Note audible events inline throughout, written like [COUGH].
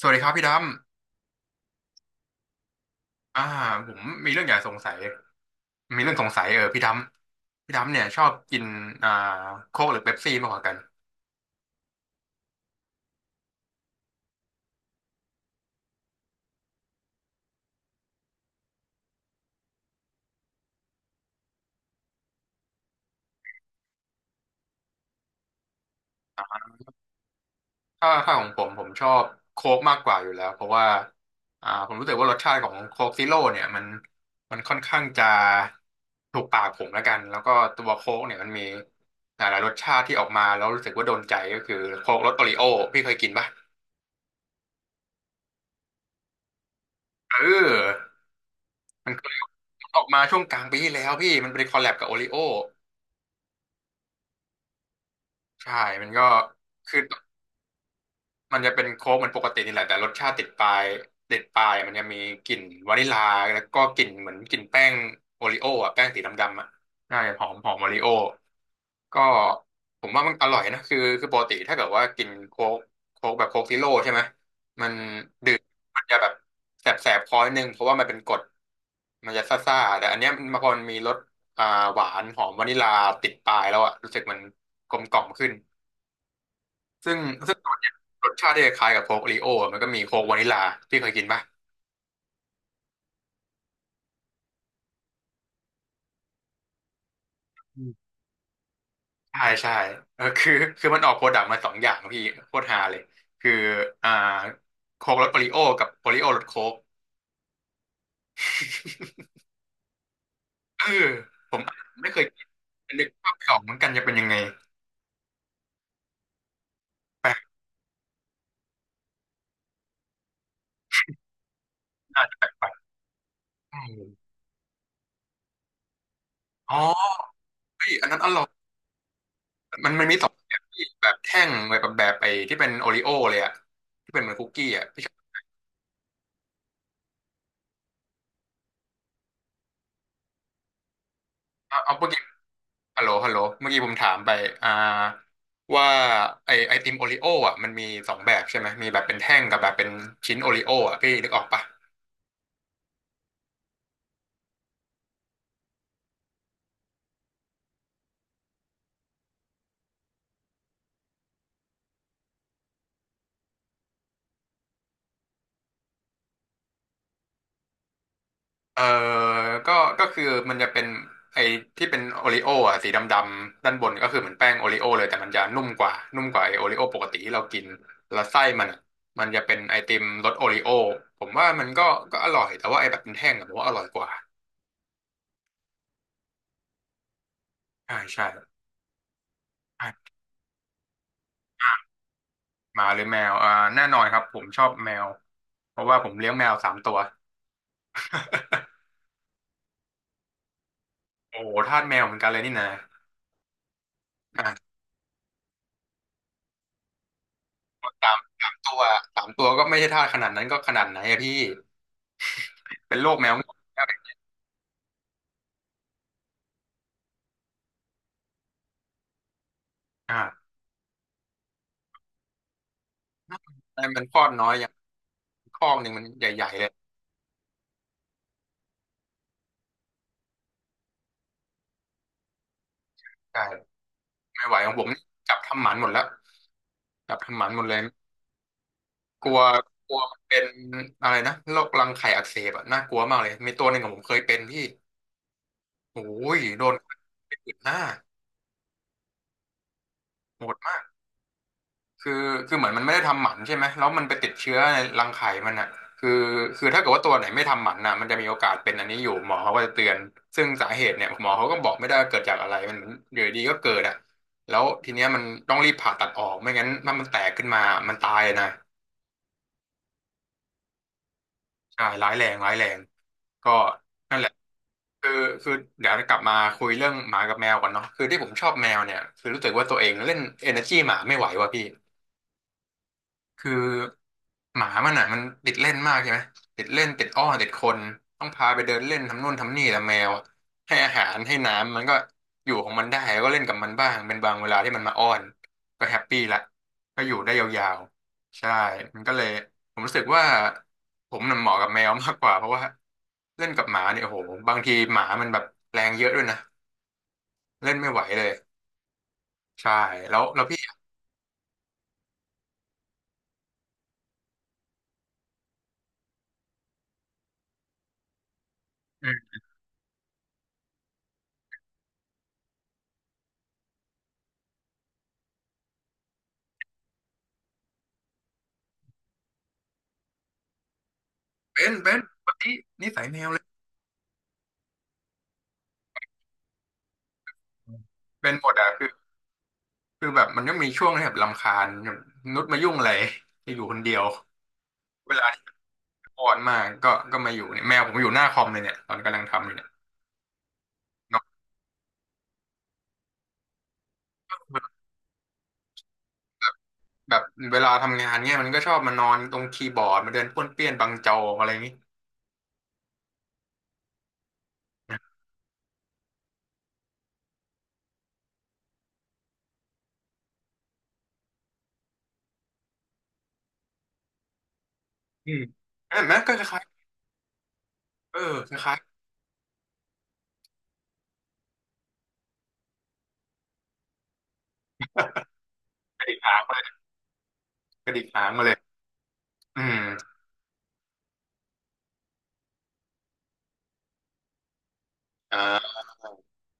สวัสดีครับพี่ดำผมมีเรื่องอยากสงสัยมีเรื่องสงสัยพี่ดำเนี่ยชอบกินอ่าโค้กหรือเป๊ปซี่มากกว่ากันถ้าของผมชอบโค้กมากกว่าอยู่แล้วเพราะว่าผมรู้สึกว่ารสชาติของโค้กซีโร่เนี่ยมันค่อนข้างจะถูกปากผมแล้วกันแล้วก็ตัวโค้กเนี่ยมันมีหลายๆรสชาติที่ออกมาแล้วรู้สึกว่าโดนใจก็คือโค้กรสโอริโอพี่เคยกินปะเออมันเคยออกมาช่วงกลางปีที่แล้วพี่มันเป็นคอลแลบกับโอริโอ ใช่มันก็คือมันจะเป็นโค้กเหมือนปกตินี่แหละแต่รสชาติติดปลายติดปลายมันจะมีกลิ่นวานิลลาแล้วก็กลิ่นเหมือนกลิ่นแป้งโอริโอ้อะแป้งสีดำๆอ่ะใช่หอมหอมโอริโอก็ผมว่ามันอร่อยนะคือปกติถ้าเกิดว่ากินโค้กแบบโค้กซีโร่ใช่ไหมมันดื่มมันจะแบบแสบแสบคอนิดนึงเพราะว่ามันเป็นกรดมันจะซ่าๆแต่อันเนี้ยมันพอมันมีรสอ่าหวานหอมวานิลลาติดปลายแล้วอ่ะรู้สึกมันกลมกล่อมขึ้น ซึ่งซึ่งตัวเนี้ยรสชาติที่คล้ายกับโค้กโอรีโออะมันก็มีโค้กวานิลาพี่เคยกินปะอืมใช่ใช่เออคือมันออกโปรดักต์มาสองอย่างพี่โคตรฮาเลยคืออ่าโค้กรสโอริโอกับโอริโอรสโค้ก [LAUGHS] เออผมไม่เคยกินนึกภาพไม่ออกเหมือนกันจะเป็นยังไงแปลกน่าจะแปลกไปอมอ๋อเฮ้ยอันนั้นอร่อยมันมีสองแบบพี่แบบแท่งแบบไอ้ที่เป็นโอริโอเลยอะที่เป็นเหมือนคุกกี้อะพี่ชอบเอาเอาไป ฮัลโหลเมื่อกี้ผมถามไปอ่าว่าไอติมโอริโออ่ะมันมีสองแบบใช่ไหมมีแบบเป็นแท่งกับแบบเป็นชิ้นโอริโออ่ะพี่นึกออกปะเออก็ก็คือมันจะเป็นไอ้ที่เป็นโอริโออ่ะสีดำๆด้านบนก็คือเหมือนแป้งโอริโอเลยแต่มันจะนุ่มกว่านุ่มกว่าไอ้โอริโอปกติที่เรากินแล้วไส้มันอะมันจะเป็นไอติมรสโอริโอผมว่ามันก็ก็อร่อยแต่ว่าไอ้แบบเป็นแท่งอะผมว่าอร่อยกว่าใช่ใช่ใช่หมาหรือแมวแน่นอนครับผมชอบแมว เพราะว่าผมเลี้ยงแมวสามตัวโอ้โหทาสแมวเหมือนกันเลยนี่นะอ่ะสสามตัวสามตัวก็ไม่ใช่ทาสขนาดนั้นก็ขนาดไหนอะพี่เป็นโรคแมวง่วงอ่าแต่มันคลอดน้อยอย่างคอกหนึ่งมันใหญ่ๆเลยใช่ไม่ไหวของผมนี่จับทำหมันหมดแล้วจับทำหมันหมดเลยกลัวกลัวมันเป็นอะไรนะโรครังไข่อักเสบอะน่ากลัวมากเลยมีตัวหนึ่งของผมเคยเป็นพี่โอ้ยโดนเป็นหน้าโหดมาก คือคือเหมือนมันไม่ได้ทำหมันใช่ไหมแล้วมันไปติดเชื้อในรังไข่มันอ่ะคือคือถ้าเกิดว่าตัวไหนไม่ทำหมันน่ะมันจะมีโอกาสเป็นอันนี้อยู่หมอเขาก็จะเตือนซึ่งสาเหตุเนี่ยหมอเขาก็บอกไม่ได้ว่าเกิดจากอะไรมันอยู่ดีๆก็เกิดอ่ะแล้วทีเนี้ยมันต้องรีบผ่าตัดออกไม่งั้นถ้ามันแตกขึ้นมามันตายนะใช่ร้ายแรงร้ายแรงก็นั่นแหละคือคือเดี๋ยวกลับมาคุยเรื่องหมากับแมวก่อนเนาะคือที่ผมชอบแมวเนี่ยคือรู้สึกว่าตัวเองเล่น energy หมาไม่ไหวว่ะพี่ คือหมามันอ่ะมันติดเล่นมากใช่ไหมติดเล่นติดอ้อนติดคนต้องพาไปเดินเล่นทำนู่นทำนี่แต่แมวอะให้อาหารให้น้ำมันก็อยู่ของมันได้ก็เล่นกับมันบ้างเป็นบางเวลาที่มันมาอ้อนก็แฮปปี้ละก็อยู่ได้ยาวๆใช่มันก็เลยผมรู้สึกว่าผมน่ะเหมาะกับแมวมากกว่าเพราะว่าเล่นกับหมาเนี่ยโอ้โหบางทีหมามันแบบแรงเยอะด้วยนะเล่นไม่ไหวเลยใช่แล้วพี่อืมเป็นวันนี้นิสัยแมวเลยเป็นหมดอ่ะคือ คือแบบมันก็มีช่วงที่แบบรำคาญแบบนุชมายุ่งอะไรจะอยู่คนเดียวเวลาที่อ่อนมากก็มาอยู่เนี่ยแมวผมอยู่หน้าคอมเลยเนี่ยตอนกำลังทำอยู่เนี่ยนอนแบบแบบเวลาทำงานเนี่ยมันก็ชอบมานอนตรงคีย์บอร์ดมาเดินป้วนเปี้ยนบังจออะไรอย่างงี้นะอืมเห็นไหมก็คล้ายๆเออคล้ายๆกระดิกหางมาเลยกระดิกหางมาเลยอืมอ่า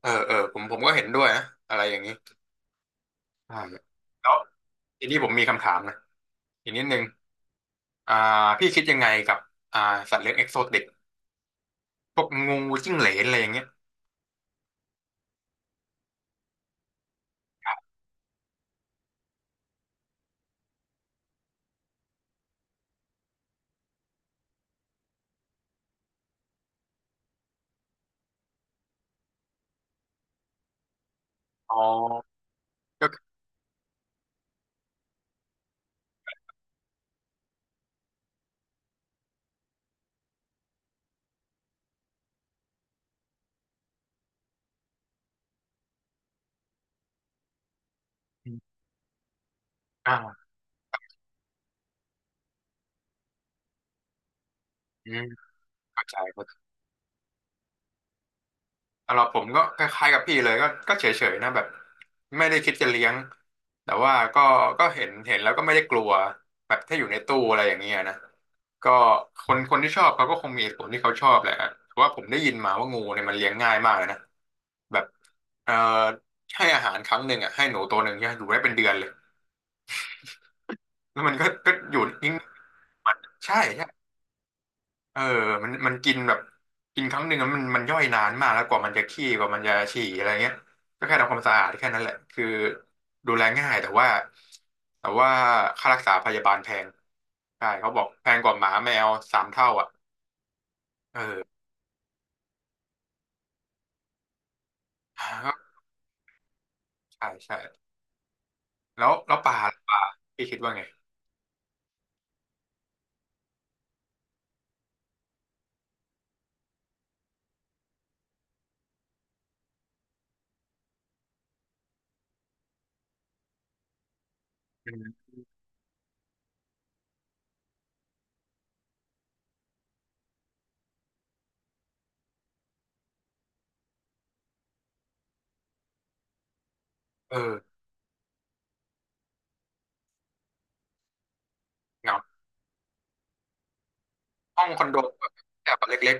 เออเออผมก็เห็นด้วยนะอะไรอย่างนี้ใช่แล้วทีนี้ผมมีคำถามนะอีกนิดนึงอ่าพี่คิดยังไงกับอ่าสัตว์เลี้ยงเอ็กโซติก พวกงูจิ้งเหลนอะไรอย่างเงี้ยอ๋อก็คืออ่าอืมเข้าใจเข้าสำหรับผมก็คล้ายๆกับพี่เลยก็เฉยๆนะแบบไม่ได้คิดจะเลี้ยงแต่ว่าก็เห็นแล้วก็ไม่ได้กลัวแบบถ้าอยู่ในตู้อะไรอย่างเงี้ยนะก็คนคนที่ชอบเขาก็คงมีเหตุผลที่เขาชอบแหละเพราะว่าผมได้ยินมาว่างูเนี่ยมันเลี้ยงง่ายมากเลยนะแบบเอ่อให้อาหารครั้งหนึ่งอ่ะให้หนูตัวหนึ่งใช่ไหมอยู่ได้เป็นเดือนเลยแล้วมันก็อยู่นิ่งๆมันใช่ เออมันกินแบบกินครั้งหนึ่งอะมันย่อยนานมากแล้วกว่ามันจะขี้กว่ามันจะฉี่อะไรเงี้ย ก็แค่ทำความสะอาดแค่นั้นแหละคือดูแลง่ายแต่ว่าค่ารักษาพยาบาลแพงใช่เขาบอกแพงกว่าหมาแมว3 เท่าอ่ะเออก็ใช่ใช่แล้วป่าล่ะป่าพี่คิดว่าไงอืมเออเหงาห้องคอนโดแบบแต่เล็ก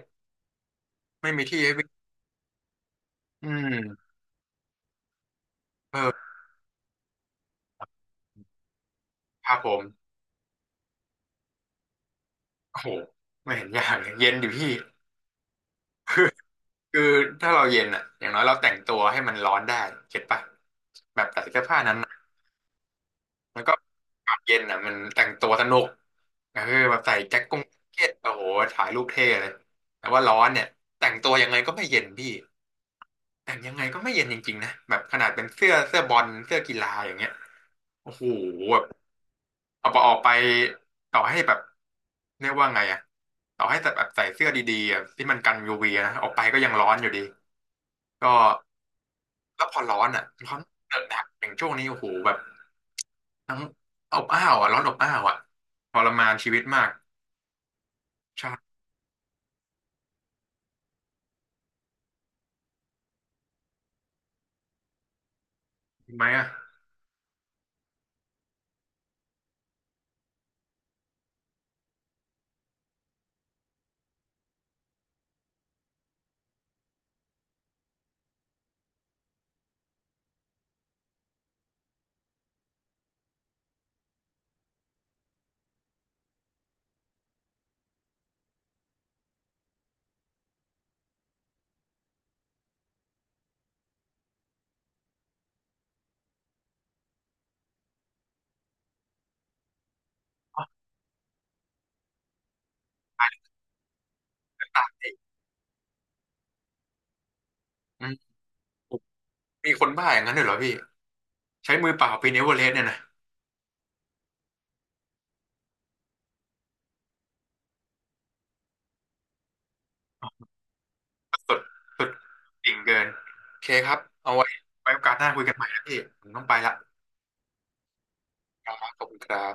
ๆไม่มีที่ให้วิ่งอืมเออครับผมโอ้โหไม่เห็นยากเลยเย็นด่พี่ คือถ้าเราเย็นอ่ะอย่างน้อยเราแต่งตัวให้มันร้อนได้เก็ตปะแบบใส่เสื้อผ้านั้นๆแล้วก็อากาศเย็นอ่ะมันแต่งตัวสนุกเออแบบใส่แจ็คกงแจ็คเก็ตโอ้โหถ่ายรูปเท่เลยแต่ว่าร้อนเนี่ยแต่งตัวยังไงก็ไม่เย็นพี่แต่งยังไงก็ไม่เย็นจริงๆนะแบบขนาดเป็นเสื้อบอลเสื้อกีฬาอย่างเงี้ยโอ้โหแบบเอาไปออกไปต่อให้แบบเรียกว่าไงอ่ะต่อให้แบบใส่เสื้อดีๆอะที่มันกันยูวีนะออกไปก็ยังร้อนอยู่ดี ก็แล้วพอร้อนอ่ะร้อนเดือดหนักอย่างช่วงนี้โอ้โหแบบทั้งอบอ้าวอ่ะร้อนอบอ้าวอ่ะทรมานชีวิตมากใช่ไหมอ่ะอ๋ออืมมีคนบ้าอย่างนั้นด้วยเหรอพี่ใช้มือเปล่าปีนเอเวอเรสต์เนี่ยนะสุดสุดจริ่งเกินโอเคครับเอาไว้ไว้โอกาสหน้าคุยกันใหม่นะพี่ผมต้องไปละครับขอบคุณครับ